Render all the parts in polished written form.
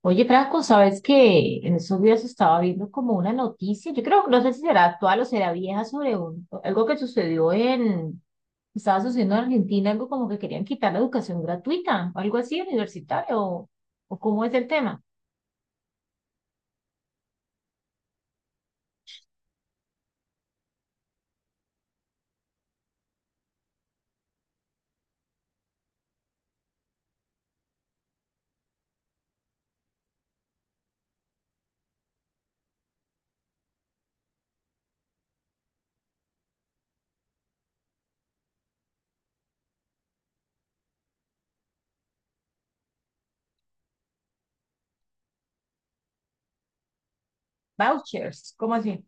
Oye, Franco, ¿sabes que en esos días estaba viendo como una noticia? Yo creo, no sé si será actual o será vieja, sobre algo que estaba sucediendo en Argentina, algo como que querían quitar la educación gratuita, algo así, universitario, o cómo es el tema. Vouchers, ¿cómo así?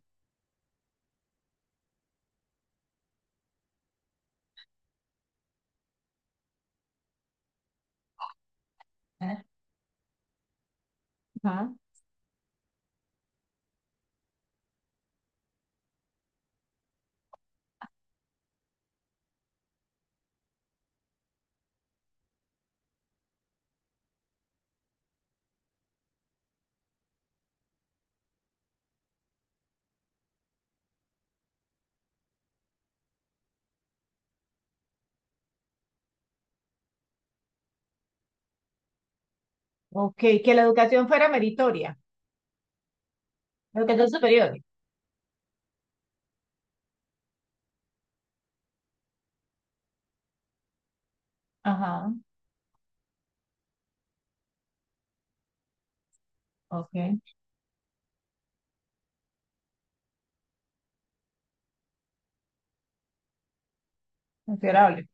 Ah. Ajá. Ok, que la educación fuera meritoria, la educación superior. Ajá. Ok, considerable.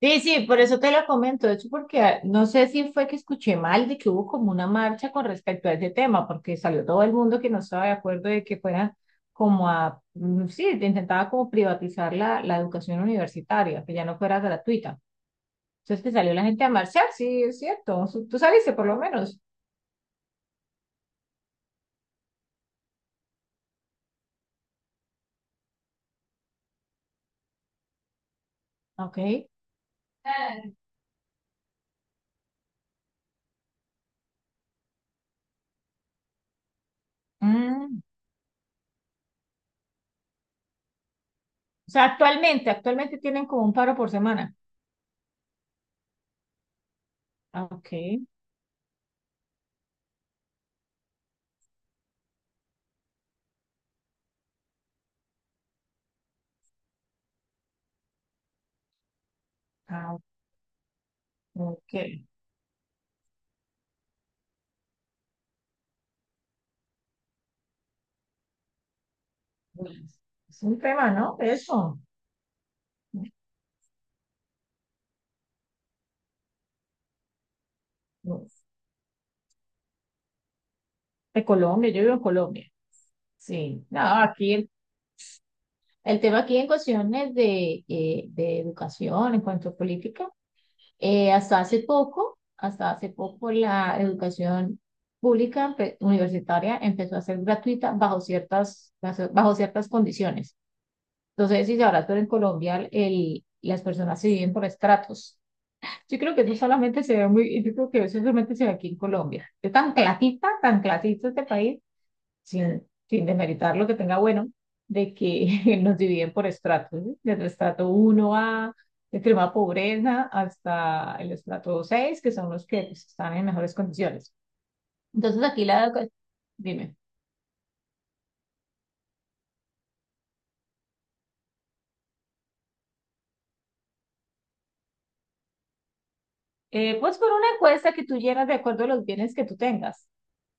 Sí, sí, por eso te lo comento. De hecho, porque no sé si fue que escuché mal de que hubo como una marcha con respecto a ese tema, porque salió todo el mundo que no estaba de acuerdo de que fuera como a, sí, intentaba como privatizar la educación universitaria, que ya no fuera gratuita. Entonces que salió la gente a marchar, sí, es cierto. Tú saliste por lo menos. Ok. Mm, O sea, actualmente tienen como un paro por semana. Ah, ok. Ah, ok. Bueno, es un tema, ¿no? Eso. De Colombia, yo vivo en Colombia. Sí, no, aquí el tema aquí en cuestiones de educación, en cuanto a política, hasta hace poco la educación pública universitaria empezó a ser gratuita bajo ciertas condiciones. Entonces, si sabrás, pero en Colombia las personas se viven por estratos. Yo creo que eso solamente se ve muy, yo creo que eso solamente se ve aquí en Colombia. Es tan clasista este país sin, sin demeritar lo que tenga bueno, de que nos dividen por estratos, ¿sí? Desde el estrato uno a de extrema pobreza, hasta el estrato seis, que son los que pues, están en mejores condiciones. Entonces, aquí la educación, dime. Pues por una encuesta que tú llenas de acuerdo a los bienes que tú tengas.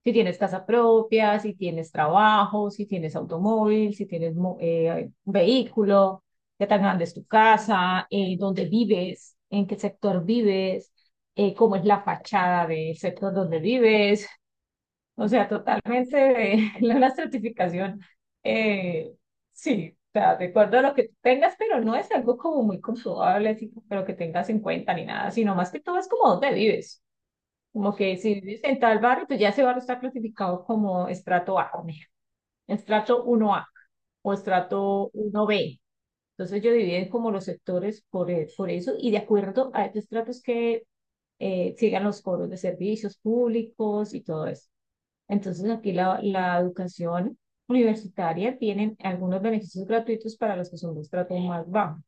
Si tienes casa propia, si tienes trabajo, si tienes automóvil, si tienes un vehículo, qué tan grande es tu casa, dónde vives, en qué sector vives, cómo es la fachada del sector donde vives, o sea, totalmente de la estratificación. Eh, sí, o sea, de acuerdo a lo que tengas, pero no es algo como muy comprobable, así, pero que tengas en cuenta ni nada, sino más que todo es como dónde vives. Como que si vives en tal barrio, pues ya ese barrio está clasificado como estrato A, por ejemplo, estrato uno a o estrato uno b. Entonces yo dividí como los sectores por eso y de acuerdo a estos estratos que sigan los foros de servicios públicos y todo eso. Entonces aquí la educación universitaria tiene algunos beneficios gratuitos para los que son de estrato más bajo.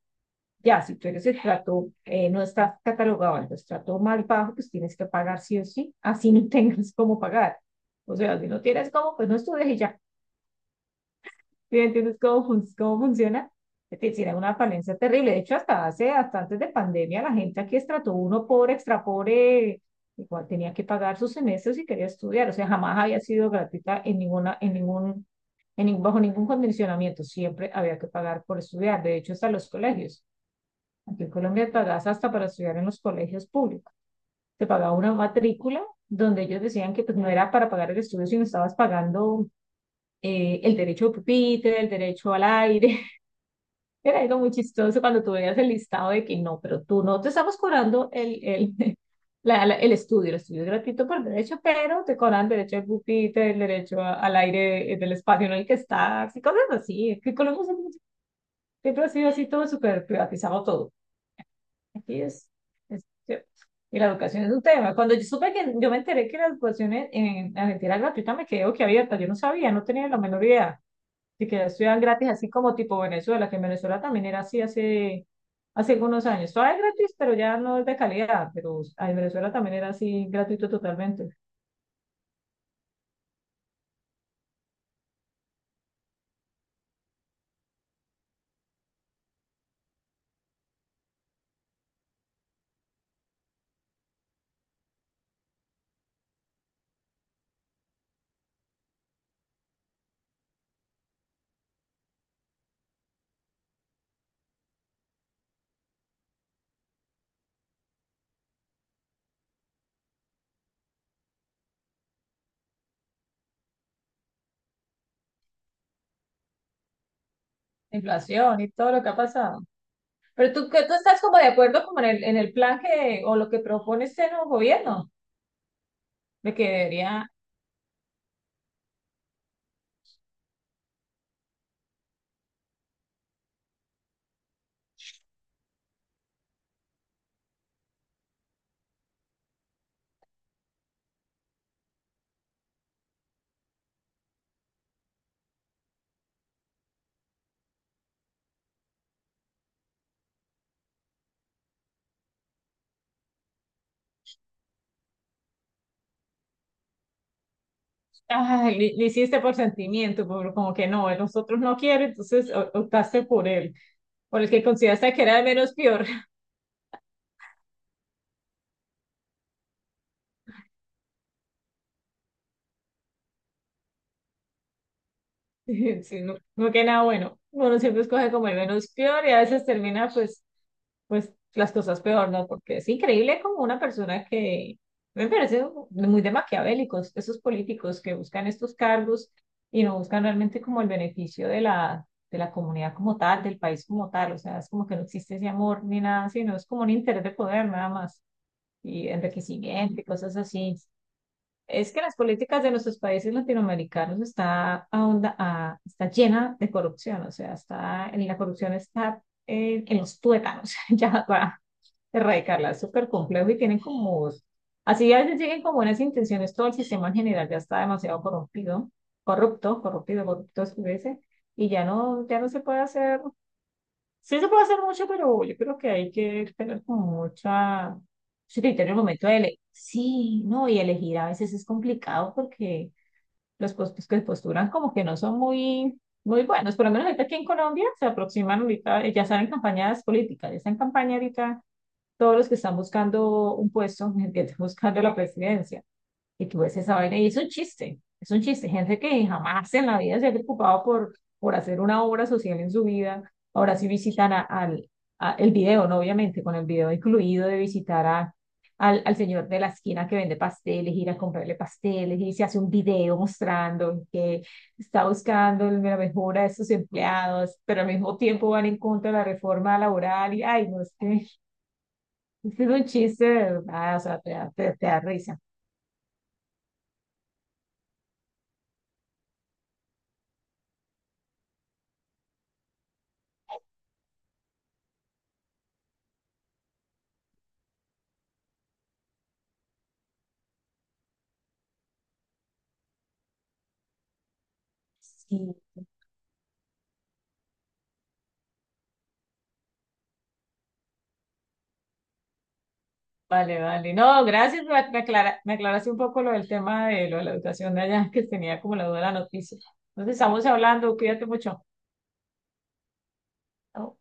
Ya, si tú eres de estrato, no estás catalogado al estrato más bajo, pues tienes que pagar sí o sí, así no tengas cómo pagar. O sea, si no tienes cómo, pues no estudies y ya. ¿Sí me entiendes cómo, cómo funciona? Es decir, era una falencia terrible. De hecho, hasta antes de pandemia, la gente aquí estrato uno pobre, extra pobre, igual tenía que pagar sus semestres y quería estudiar. O sea, jamás había sido gratuita en ninguna, en ningún, en, nin- bajo ningún condicionamiento. Siempre había que pagar por estudiar. De hecho, hasta los colegios. Aquí en Colombia pagas hasta para estudiar en los colegios públicos. Te pagaba una matrícula donde ellos decían que pues, no era para pagar el estudio, sino estabas pagando el derecho de pupitre, el derecho al aire, era algo muy chistoso cuando tú veías el listado de que no, pero tú no te estamos cobrando el estudio. El estudio es gratuito por derecho, pero te cobran derecho al pupitre, el derecho al aire del espacio en el que estás y cosas así. Es que Colombia siempre ha sido así, todo súper privatizado todo. Aquí es- y la educación es un tema. Cuando yo supe que, yo me enteré que la educación en Argentina era gratuita, me quedé boquiabierta. Yo no sabía, no tenía la menor idea de que estudian gratis, así como tipo Venezuela, que en Venezuela también era así hace algunos años. Todavía es gratis, pero ya no es de calidad, pero en Venezuela también era así gratuito totalmente. La inflación y todo lo que ha pasado. Pero tú, que tú estás como de acuerdo como en el plan que, o lo que propone este nuevo gobierno, de que debería. Le hiciste por sentimiento, por, como que no, nosotros no quiere, entonces optaste por él, por el que consideraste que era el menos peor. Sí, no, no que nada bueno. Uno siempre escoge como el menos peor y a veces termina pues, pues las cosas peor, ¿no? Porque es increíble como una persona que me parece muy de maquiavélicos, esos políticos que buscan estos cargos y no buscan realmente como el beneficio de la comunidad como tal, del país como tal. O sea, es como que no existe ese amor ni nada, sino es como un interés de poder nada más y enriquecimiento y cosas así. Es que las políticas de nuestros países latinoamericanos está, está llena de corrupción, o sea, está, la corrupción está en los tuétanos, ya para erradicarla, es súper complejo y tienen como, así a veces lleguen como unas intenciones, todo el sistema en general ya está demasiado corrompido, corrupto, es que dice, y ya no, ya no se puede hacer. Sí se puede hacer mucho, pero yo creo que hay que tener como mucha, mucho criterio en el momento de elegir. Sí, no, y elegir a veces es complicado porque los puestos que posturan como que no son muy, muy buenos. Por lo menos ahorita aquí en Colombia se aproximan ahorita, ya están en campañas políticas, ya están en campaña ahorita todos los que están buscando un puesto, que están buscando la presidencia. Y tú ves esa vaina y es un chiste, es un chiste. Gente que jamás en la vida se ha preocupado por hacer una obra social en su vida. Ahora sí visitan al el video, ¿no? Obviamente, con el video incluido de visitar al señor de la esquina que vende pasteles, ir a comprarle pasteles y se hace un video mostrando que está buscando la mejora de sus empleados, pero al mismo tiempo van en contra de la reforma laboral y, ay, no, es que este es un chiste de verdad, o sea, te da, te da risa. Sí. Vale, vale. No, gracias. Me aclaraste un poco lo del tema de lo de la educación de allá, que tenía como la duda de la noticia. Entonces, estamos hablando. Cuídate mucho. Chao.